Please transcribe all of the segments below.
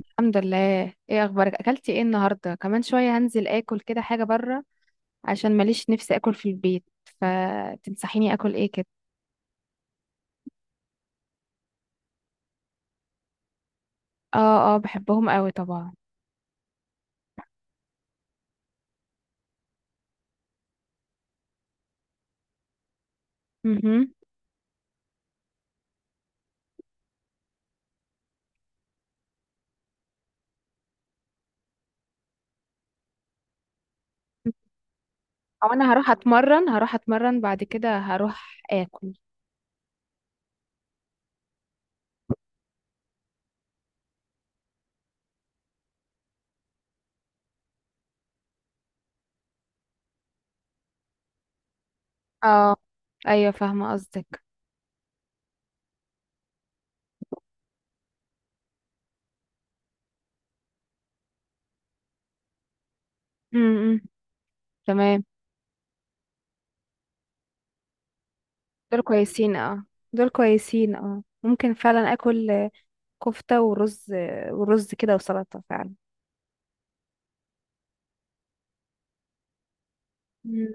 الحمد لله، ايه اخبارك؟ اكلتي ايه النهارده؟ كمان شويه هنزل اكل كده حاجه بره عشان ماليش نفسي اكل في البيت. فتنصحيني اكل ايه كده؟ اه بحبهم قوي طبعا. امم. او انا هروح اتمرن، بعد كده هروح اكل. اه، ايوه فاهمه قصدك. امم، تمام. دول كويسين، دول كويسين اه، ممكن فعلا اكل كفته ورز، ورز كده وسلطه فعلا. مم.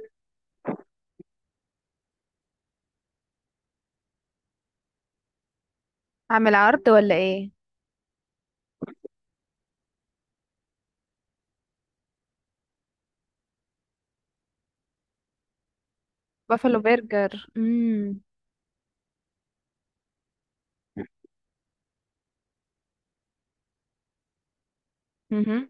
اعمل عرض ولا ايه؟ بافلو برجر، امم. مهم.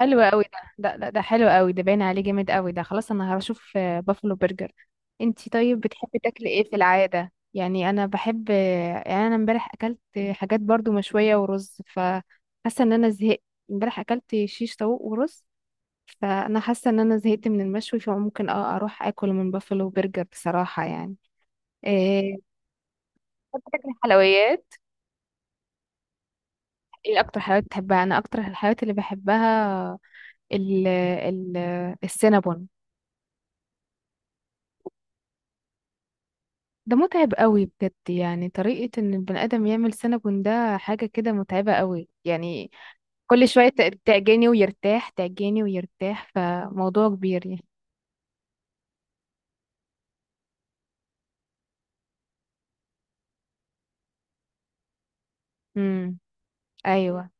حلو قوي ده، ده حلو قوي ده، باين عليه جامد قوي ده. خلاص انا هشوف بافلو برجر. انتي طيب بتحبي تاكلي ايه في العاده؟ يعني انا بحب يعني انا امبارح اكلت حاجات برضو مشويه ورز، فحاسه ان انا زهقت. امبارح اكلت شيش طاووق ورز، فانا حاسه ان انا زهقت من المشوي، فممكن اه اروح اكل من بافلو برجر بصراحه يعني. إيه. بتحبي تاكلي حلويات؟ ايه اكتر حلويات بتحبها؟ انا اكتر الحلويات اللي بحبها ال ال السينابون. ده متعب قوي بجد، يعني طريقة ان البني ادم يعمل سينابون ده حاجة كده متعبة قوي يعني. كل شوية تعجني ويرتاح، فموضوع كبير يعني. امم، ايوه.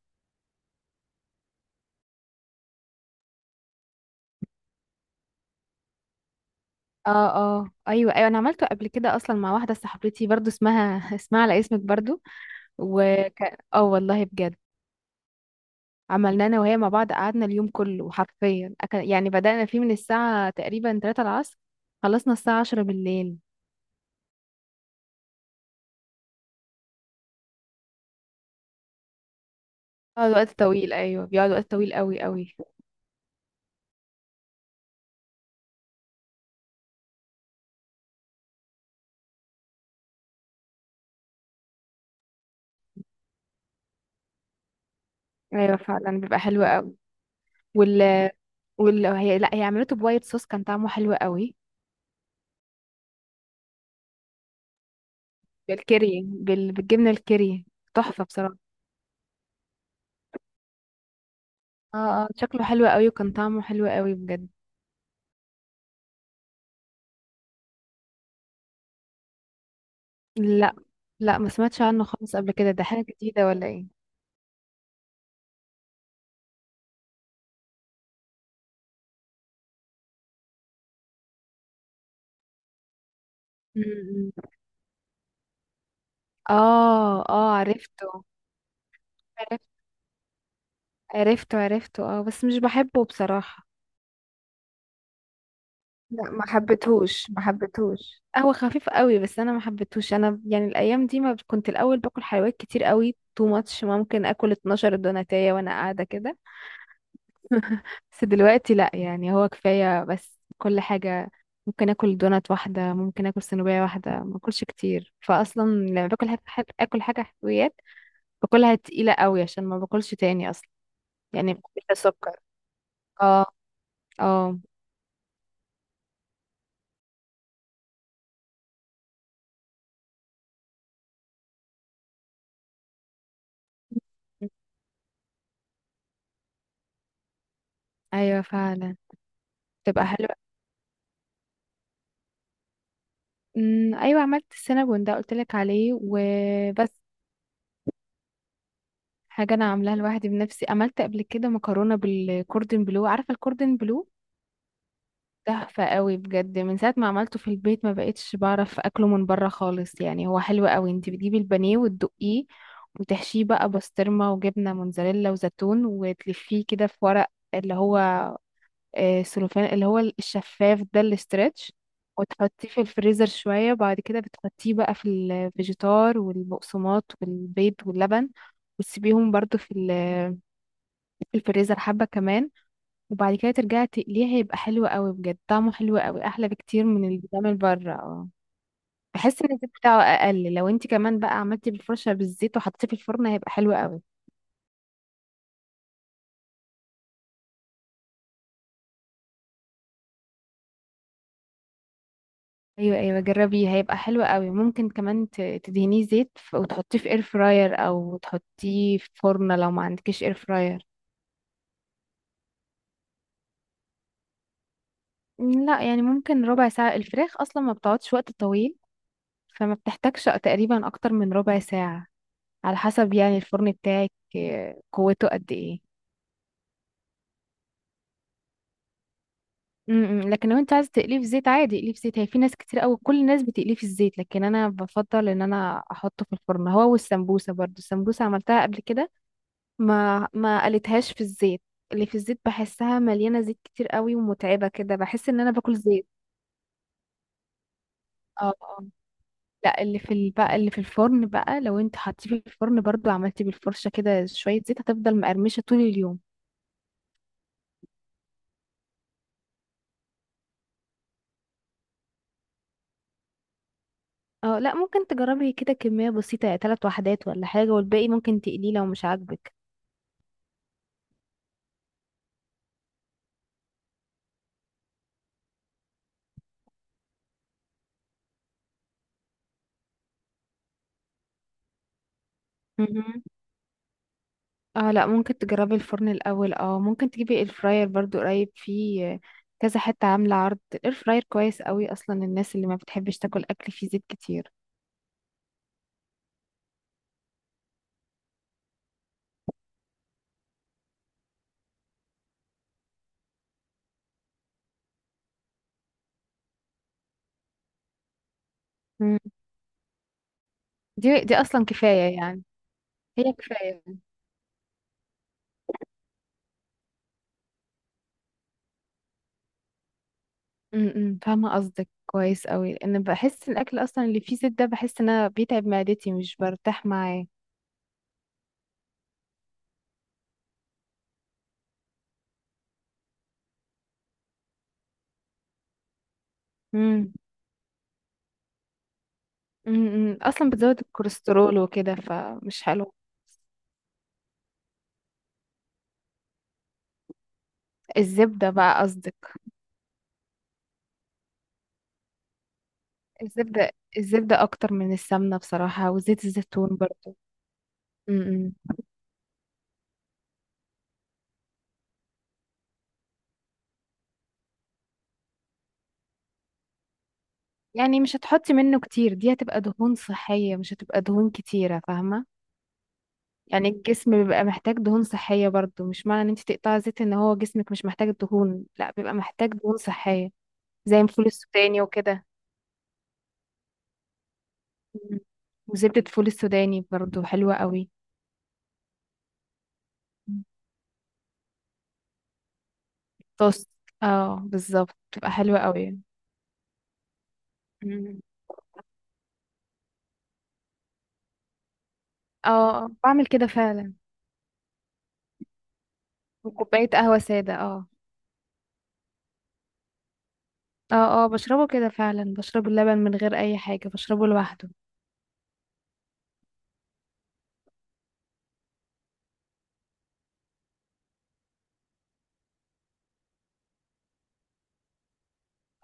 اه اه ايوه ايوه، انا عملته قبل كده اصلا مع واحدة صاحبتي برضو اسمها اسمها على اسمك برضو. وك اه والله بجد، عملنا انا وهي مع بعض، قعدنا اليوم كله حرفيا أكل. يعني بدأنا فيه من الساعة تقريبا 3 العصر، خلصنا الساعة 10 بالليل. بيقعد وقت طويل، ايوه بيقعد وقت طويل قوي قوي. ايوه فعلا بيبقى حلو قوي. وال وال هي لا، هي عملته بوايت صوص كان طعمه حلو قوي. بالكيري، بالجبنه الكيري، تحفه بصراحه. اه اه، شكله حلو قوي وكان طعمه حلو قوي بجد. لا، لا ما سمعتش عنه خالص قبل كده. ده حاجه جديده ولا ايه؟ امم. اه اه عرفته. عرفت- عرفته عرفته اه، بس مش بحبه بصراحه. لا، ما حبيتهوش. هو خفيف قوي بس انا ما حبيتهوش. انا يعني الايام دي، ما كنت الاول باكل حلويات كتير قوي، تو ماتش. ممكن اكل 12 دوناتية وانا قاعده كده. بس دلوقتي لا، يعني هو كفايه بس كل حاجه. ممكن اكل دونات واحده، ممكن اكل سنوبيه واحده، ما اكلش كتير. فاصلا لما باكل حاجه اكل حاجه حلويات، باكلها تقيله قوي عشان ما باكلش تاني اصلا. يعني السكر. اه. اه. ايوه فعلا تبقى حلوه. امم، ايوه عملت السينابون ده قلت لك عليه وبس. حاجه انا عاملاها لوحدي بنفسي، عملت قبل كده مكرونه بالكوردن بلو. عارفه الكوردن بلو؟ تحفه قوي بجد، من ساعه ما عملته في البيت ما بقتش بعرف اكله من بره خالص. يعني هو حلو قوي، انت بتجيبي البانيه وتدقيه، وتحشيه بقى بسطرمه وجبنه موتزاريلا وزيتون، وتلفيه كده في ورق اللي هو السلوفان، اللي هو الشفاف ده، الاسترتش. وتحطيه في الفريزر شوية، بعد كده بتحطيه بقى في الفيجيتار والبقسماط والبيض واللبن، وتسيبيهم برضو في في الفريزر حبة كمان، وبعد كده ترجعي تقليه. هيبقى حلو قوي بجد، طعمه حلو قوي، احلى بكتير من اللي بيتعمل بره. اه، بحس ان الزيت بتاعه اقل. لو انت كمان بقى عملتي بالفرشة بالزيت وحطيتيه في الفرن هيبقى حلو قوي. ايوه ايوه جربيه هيبقى حلو قوي. ممكن كمان تدهنيه زيت وتحطيه في اير فراير، او تحطيه في فرن لو ما عندكش اير فراير. لا يعني ممكن ربع ساعة، الفراخ اصلا ما بتقعدش وقت طويل، فما بتحتاجش تقريبا اكتر من ربع ساعة. على حسب يعني الفرن بتاعك قوته قد ايه. م- م. لكن لو انت عايز تقليه في زيت عادي اقليه في زيت، هي في ناس كتير قوي، كل الناس بتقليه في الزيت، لكن انا بفضل ان انا احطه في الفرن، هو والسمبوسة برضو. السمبوسة عملتها قبل كده ما قلتهاش في الزيت. اللي في الزيت بحسها مليانة زيت كتير قوي ومتعبة كده، بحس ان انا باكل زيت. اه لا اللي في بقى اللي في الفرن بقى، لو انت حطيه في الفرن برضو عملتي بالفرشة كده شوية زيت، هتفضل مقرمشة طول اليوم. اه لا ممكن تجربي كده كمية بسيطة، ثلاث وحدات ولا حاجة، والباقي ممكن تقليه لو مش عاجبك. مهم. اه لا ممكن تجربي الفرن الاول، اه ممكن تجيبي الفراير برضو قريب، فيه كذا حتة عاملة عرض. الاير فراير كويس قوي اصلا الناس اللي ما بتحبش تاكل اكل فيه زيت كتير. مم. دي اصلا كفايه يعني، هي كفايه. امم، فاهمه قصدك كويس قوي، لان بحس الاكل اصلا اللي فيه زيت ده بحس ان انا بيتعب معدتي مش برتاح معاه. امم. امم، اصلا بتزود الكوليسترول وكده فمش حلو. الزبده بقى قصدك؟ الزبده، الزبده اكتر من السمنه بصراحه، وزيت الزيتون برضو. امم. يعني مش هتحطي منه كتير، دي هتبقى دهون صحيه مش هتبقى دهون كتيره، فاهمه؟ يعني الجسم بيبقى محتاج دهون صحية برضو، مش معنى ان انت تقطعي زيت ان هو جسمك مش محتاج الدهون، لا بيبقى محتاج دهون صحية. زي الفول السوداني وكده. مم. وزبدة فول السوداني برضو حلوة قوي. مم. توست. اه بالظبط بتبقى حلوة قوي. مم. اه بعمل كده فعلا. وكوباية قهوة سادة، اه. اه اه، بشربه كده فعلا، بشرب اللبن من غير اي حاجة، بشربه لوحده.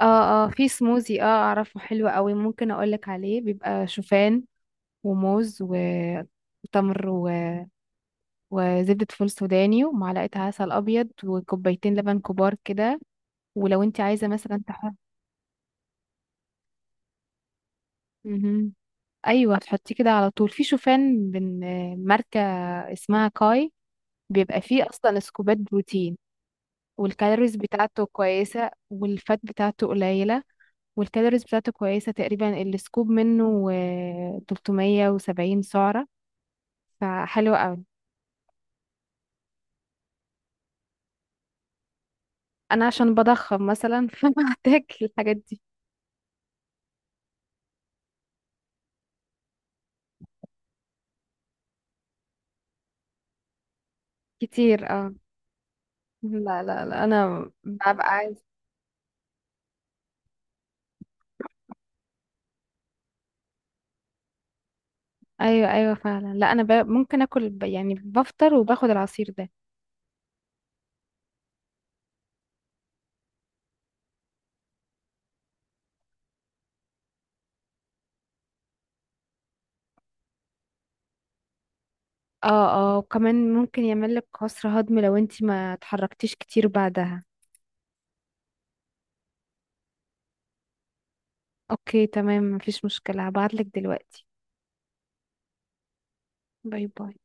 اه اه، في سموزي اه اعرفه حلو قوي، ممكن اقولك عليه. بيبقى شوفان وموز وتمر وزبدة فول سوداني ومعلقة عسل أبيض وكوبايتين لبن كبار كده. ولو انت عايزة مثلا تحط. مهم. أيوة، تحطيه كده على طول. في شوفان من ماركة اسمها كاي، بيبقى فيه أصلا سكوبات بروتين، والكالوريز بتاعته كويسة والفات بتاعته قليلة. والكالوريز بتاعته كويسة، تقريبا السكوب منه 370 سعرة، فحلو قوي. أنا عشان بضخم مثلا فبحتاج الحاجات دي. كتير، اه. لا لا لا انا ببقى عايزة. ايوه ايوه فعلا. لا انا ممكن اكل يعني بفطر وباخد العصير ده. اه. اه وكمان ممكن يعمل لك عسر هضم لو انتي ما اتحركتيش كتير بعدها. اوكي تمام، مفيش مشكلة هبعتلك دلوقتي. باي باي.